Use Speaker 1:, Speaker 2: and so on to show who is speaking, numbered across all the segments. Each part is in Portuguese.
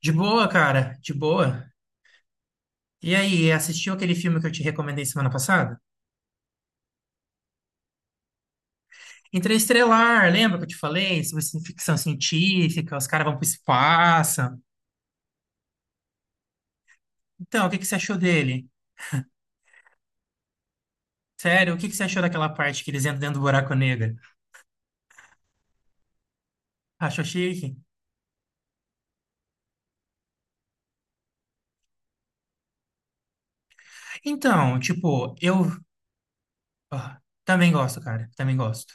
Speaker 1: De boa, cara, de boa. E aí, assistiu aquele filme que eu te recomendei semana passada? Interestelar, lembra que eu te falei sobre ficção científica, os caras vão pro espaço. Então, o que que você achou dele? Sério, o que que você achou daquela parte que eles entram dentro do buraco negro? Achou chique? Então, tipo, também gosto, cara, também gosto.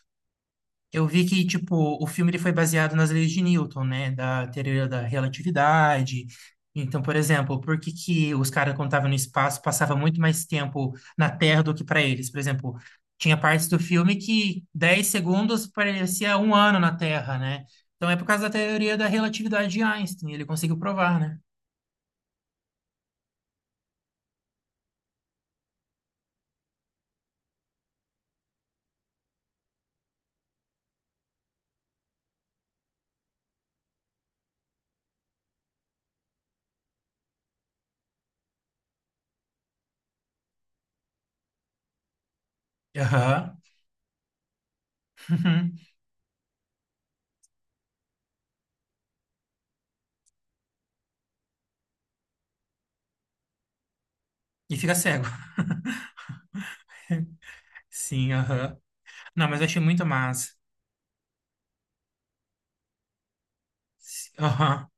Speaker 1: Eu vi que, tipo, o filme ele foi baseado nas leis de Newton, né? Da teoria da relatividade. Então, por exemplo, por que que os caras, quando estavam no espaço, passavam muito mais tempo na Terra do que para eles? Por exemplo, tinha partes do filme que 10 segundos parecia um ano na Terra, né? Então, é por causa da teoria da relatividade de Einstein. Ele conseguiu provar, né? Aham. E fica cego. Sim, aham. Não, mas eu achei muito massa. Aham.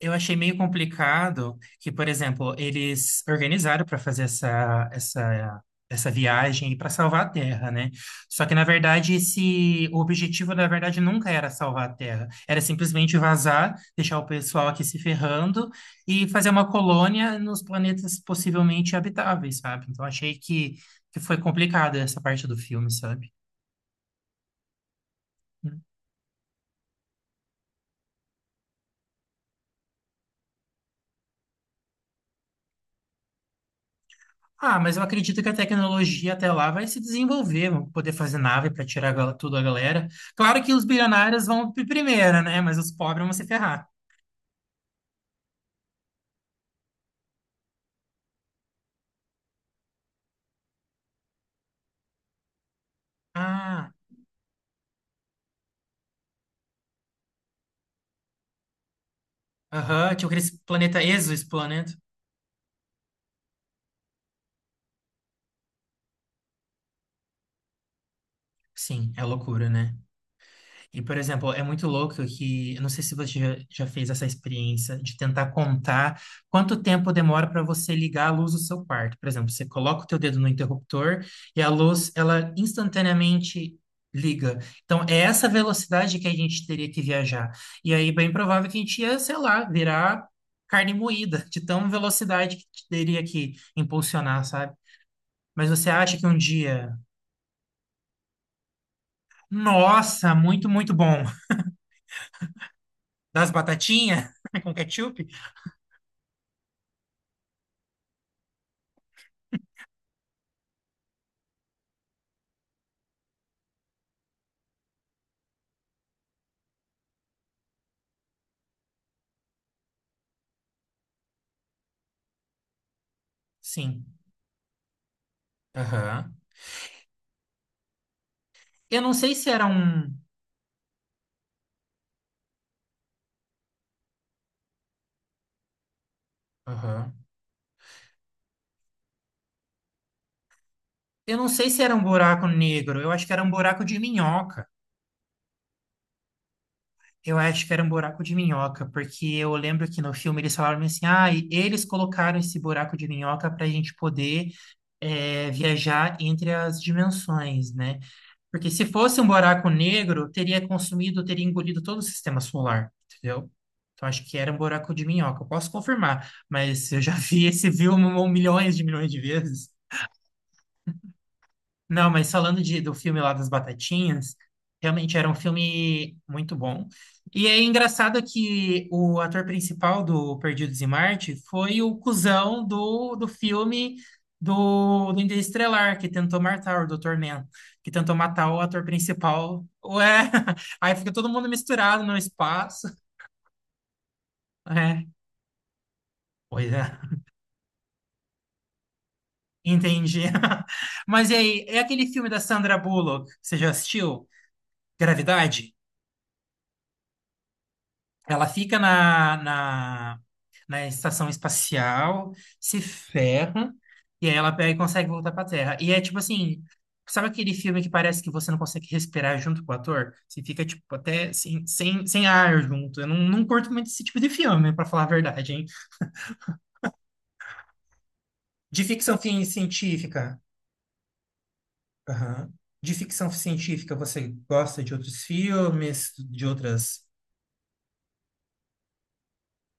Speaker 1: Eu achei meio complicado que, por exemplo, eles organizaram para fazer essa viagem para salvar a Terra, né? Só que, na verdade, esse, o objetivo, na verdade, nunca era salvar a Terra. Era simplesmente vazar, deixar o pessoal aqui se ferrando e fazer uma colônia nos planetas possivelmente habitáveis, sabe? Então, achei que foi complicado essa parte do filme, sabe? Ah, mas eu acredito que a tecnologia até lá vai se desenvolver, vão poder fazer nave para tirar tudo a galera. Claro que os bilionários vão primeiro, né? Mas os pobres vão se ferrar. Ah, aham, tinha aquele planeta exoesplaneto. Sim, é loucura, né? E, por exemplo, é muito louco que, eu não sei se você já fez essa experiência de tentar contar quanto tempo demora para você ligar a luz do seu quarto. Por exemplo, você coloca o teu dedo no interruptor e a luz, ela instantaneamente liga. Então, é essa velocidade que a gente teria que viajar. E aí, bem provável que a gente ia, sei lá, virar carne moída, de tão velocidade que teria que impulsionar, sabe? Mas você acha que um dia, nossa, muito, muito bom, das batatinhas com ketchup? Sim. Aham. Eu não sei se era um. Aham. Eu não sei se era um buraco negro. Eu acho que era um buraco de minhoca. Eu acho que era um buraco de minhoca, porque eu lembro que no filme eles falaram assim: ah, e eles colocaram esse buraco de minhoca para a gente poder viajar entre as dimensões, né? Porque se fosse um buraco negro, teria consumido, teria engolido todo o sistema solar, entendeu? Então acho que era um buraco de minhoca. Eu posso confirmar, mas eu já vi esse filme um milhões de vezes. Não, mas falando de, do filme lá das Batatinhas, realmente era um filme muito bom. E é engraçado que o ator principal do Perdidos em Marte foi o cuzão do filme do Interestelar, que tentou matar o Dr. Man, que tentou matar o ator principal. Ué, aí fica todo mundo misturado no espaço. É, pois é, entendi. Mas e aí, é aquele filme da Sandra Bullock, você já assistiu? Gravidade? Ela fica na estação espacial, se ferra, e aí ela pega e consegue voltar pra Terra. E é tipo assim, sabe aquele filme que parece que você não consegue respirar junto com o ator? Você fica, tipo, até sem ar junto. Eu não, não curto muito esse tipo de filme, pra falar a verdade, hein? De ficção científica. Aham. De ficção científica, você gosta de outros filmes, de outras.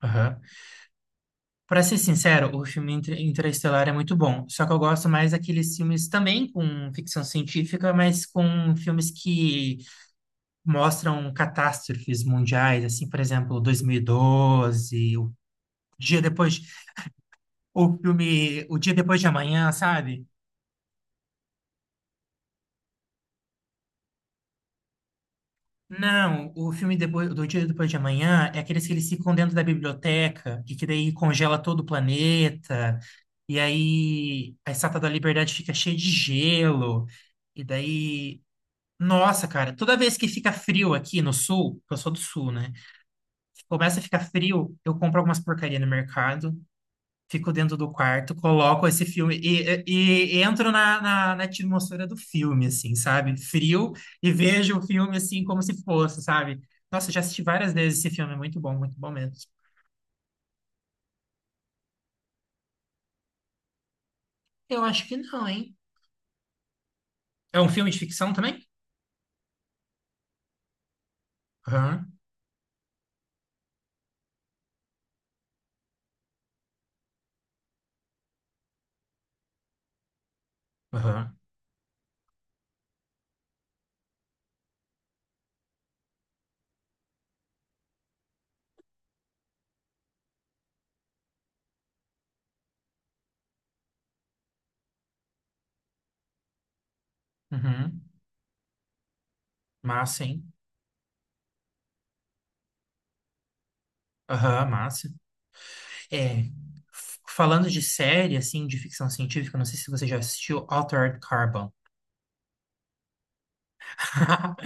Speaker 1: Aham. Pra ser sincero, o filme Interestelar é muito bom. Só que eu gosto mais daqueles filmes também com ficção científica, mas com filmes que mostram catástrofes mundiais, assim, por exemplo, 2012, o dia depois, o filme O Dia Depois de Amanhã, sabe? Não, o filme depois, do Dia Depois de Amanhã é aqueles que eles ficam dentro da biblioteca e que daí congela todo o planeta. E aí a Estátua da Liberdade fica cheia de gelo. E daí, nossa, cara, toda vez que fica frio aqui no sul, eu sou do sul, né? Começa a ficar frio, eu compro algumas porcaria no mercado, fico dentro do quarto, coloco esse filme e entro na atmosfera do filme, assim, sabe? Frio e vejo o filme assim como se fosse, sabe? Nossa, já assisti várias vezes esse filme, é muito bom mesmo. Eu acho que não, hein? É um filme de ficção também? Aham, aham, uhum. Massa, hein? Aham, massa. É, falando de série, assim, de ficção científica, não sei se você já assistiu Altered Carbon.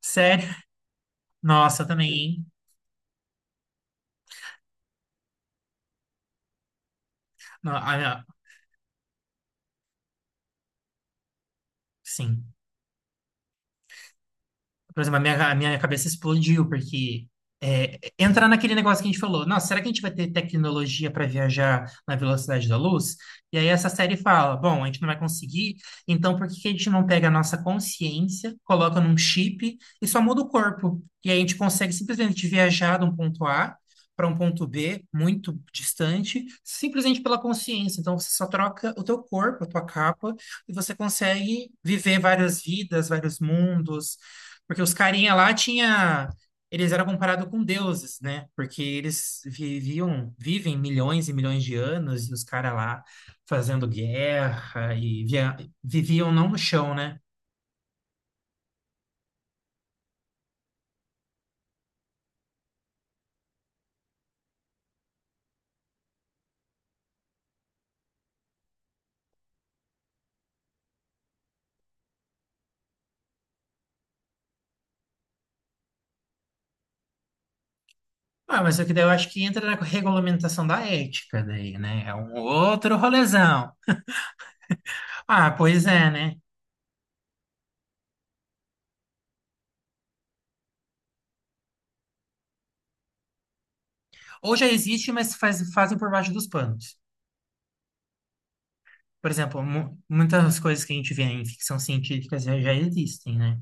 Speaker 1: Sério? Nossa, também, hein? No- ah, ah, Sim. Por exemplo, a minha cabeça explodiu, porque entra naquele negócio que a gente falou, nossa, será que a gente vai ter tecnologia para viajar na velocidade da luz? E aí essa série fala, bom, a gente não vai conseguir, então por que que a gente não pega a nossa consciência, coloca num chip e só muda o corpo? E aí a gente consegue simplesmente viajar de um ponto A para um ponto B, muito distante, simplesmente pela consciência. Então você só troca o teu corpo, a tua capa, e você consegue viver várias vidas, vários mundos, porque os carinha lá tinha, eles eram comparados com deuses, né? Porque eles viviam, vivem milhões e milhões de anos e os caras lá fazendo guerra e viviam não no chão, né? Ah, mas é que daí eu acho que entra na regulamentação da ética daí, né? É um outro rolezão. Ah, pois é, né? Ou já existe, mas fazem por baixo dos panos. Por exemplo, muitas coisas que a gente vê em ficção científica já existem, né?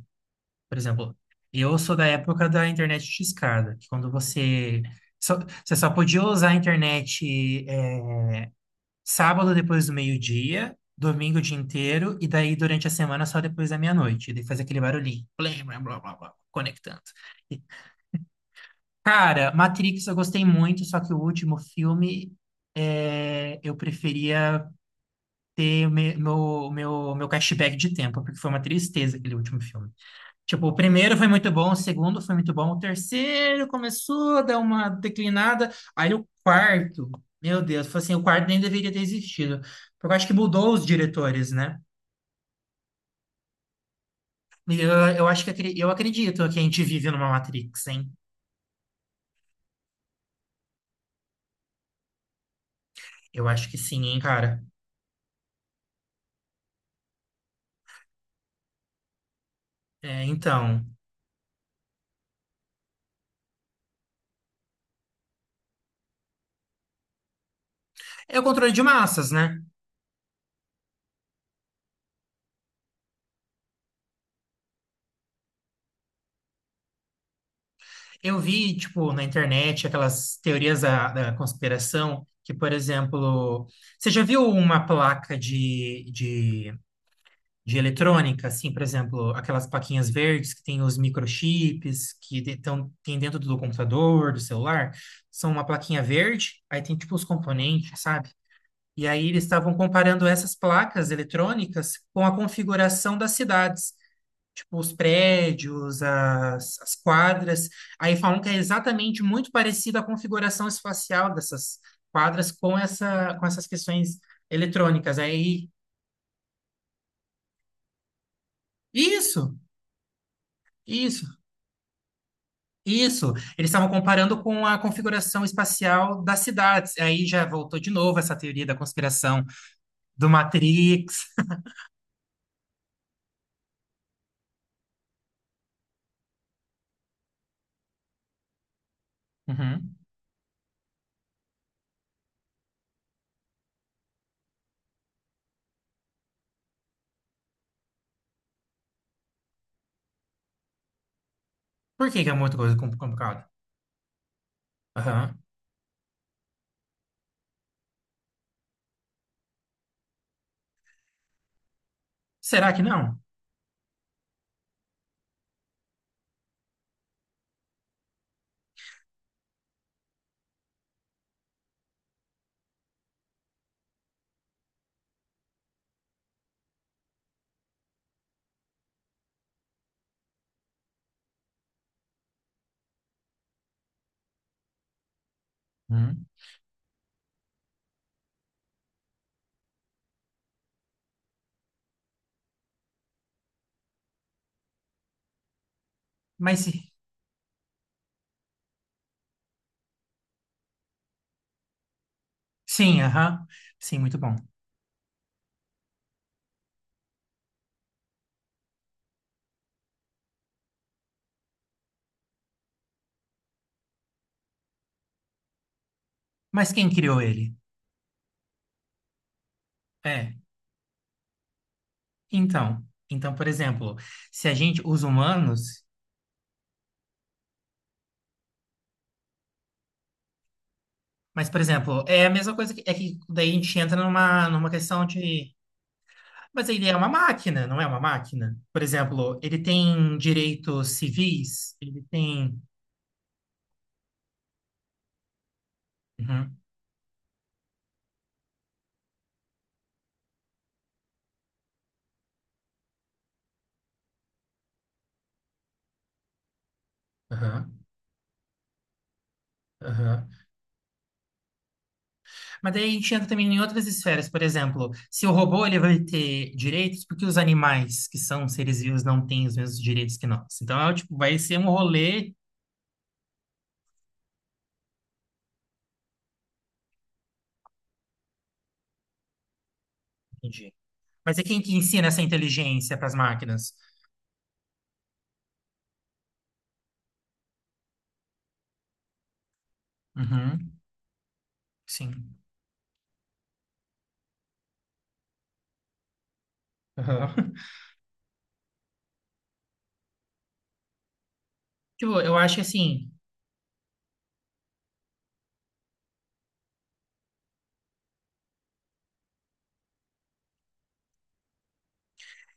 Speaker 1: Por exemplo, eu sou da época da internet de escada, que quando só, você só podia usar a internet sábado depois do meio-dia, domingo o dia inteiro, e daí durante a semana só depois da meia-noite. E daí faz aquele barulhinho, blé, blá, blá, blá, blá, conectando. E, cara, Matrix eu gostei muito, só que o último filme eu preferia ter o meu cashback de tempo, porque foi uma tristeza aquele último filme. Tipo, o primeiro foi muito bom, o segundo foi muito bom, o terceiro começou a dar uma declinada, aí o quarto, meu Deus, foi assim, o quarto nem deveria ter existido, porque eu acho que mudou os diretores, né? E eu acho que eu acredito que a gente vive numa Matrix, hein? Eu acho que sim, hein, cara? É, então, é o controle de massas, né? Eu vi, tipo, na internet aquelas teorias da conspiração que, por exemplo, você já viu uma placa de eletrônica, assim, por exemplo, aquelas plaquinhas verdes que tem os microchips que tão, tem dentro do computador, do celular? São uma plaquinha verde, aí tem, tipo, os componentes, sabe? E aí eles estavam comparando essas placas eletrônicas com a configuração das cidades, tipo, os prédios, as quadras. Aí falam que é exatamente muito parecida a configuração espacial dessas quadras com essa, com essas questões eletrônicas. Aí, isso, isso, isso. Eles estavam comparando com a configuração espacial das cidades. Aí já voltou de novo essa teoria da conspiração do Matrix. Uhum. Por que que é muita coisa complicada? Aham. Será que não? Uhum. Mas se- sim, aham. Sim, muito bom. Mas quem criou ele? É, então, então, por exemplo, se a gente, os humanos, mas, por exemplo, é a mesma coisa que, é que daí a gente entra numa questão de, mas ele é uma máquina, não é uma máquina? Por exemplo, ele tem direitos civis, ele tem, uhum, aham, aham. Mas daí a gente entra também em outras esferas, por exemplo, se o robô ele vai ter direitos, porque os animais que são seres vivos não têm os mesmos direitos que nós? Então, é, tipo, vai ser um rolê, entendi. Mas é quem que ensina essa inteligência para as máquinas? Uhum, sim. Aham. Tipo, eu acho que assim,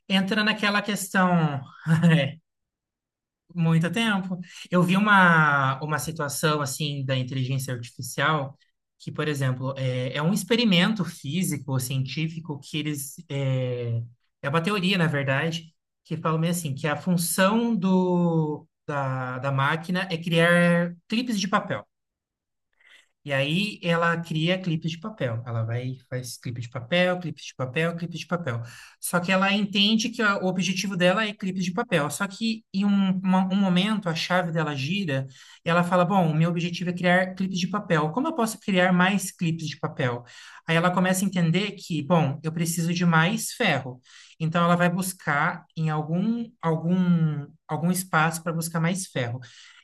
Speaker 1: entra naquela questão muito tempo. Eu vi uma situação assim da inteligência artificial que, por exemplo, é um experimento físico, científico, que eles. É, é uma teoria, na verdade, que fala meio assim, que a função do, da máquina é criar clipes de papel. E aí ela cria clipes de papel. Ela vai faz clipe de papel, clipe de papel, clipe de papel. Só que ela entende que o objetivo dela é clipes de papel. Só que em um momento a chave dela gira e ela fala: bom, o meu objetivo é criar clipes de papel. Como eu posso criar mais clipes de papel? Aí ela começa a entender que, bom, eu preciso de mais ferro. Então ela vai buscar em algum espaço para buscar mais ferro.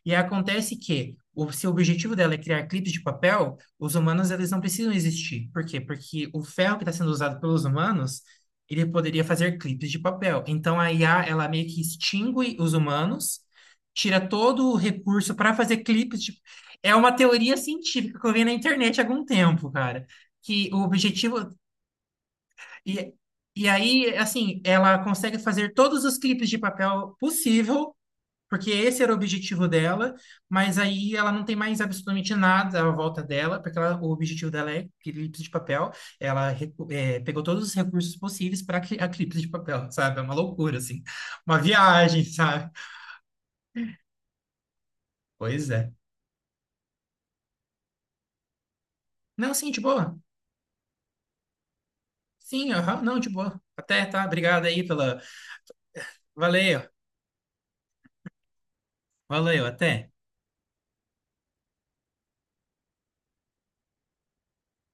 Speaker 1: E acontece que, se o objetivo dela é criar clipes de papel, os humanos eles não precisam existir. Por quê? Porque o ferro que está sendo usado pelos humanos, ele poderia fazer clipes de papel. Então a IA, ela meio que extingue os humanos, tira todo o recurso para fazer clipes de... É uma teoria científica que eu vi na internet há algum tempo, cara. Que o objetivo... E, e aí, assim, ela consegue fazer todos os clipes de papel possível porque esse era o objetivo dela, mas aí ela não tem mais absolutamente nada à volta dela, porque o objetivo dela é Eclipse de Papel. Ela pegou todos os recursos possíveis para a Eclipse de Papel, sabe? É uma loucura, assim. Uma viagem, sabe? Pois é. Não, sim, de boa. Sim, aham, não, de boa. Até, tá? Obrigado aí pela. Valeu, valeu, até.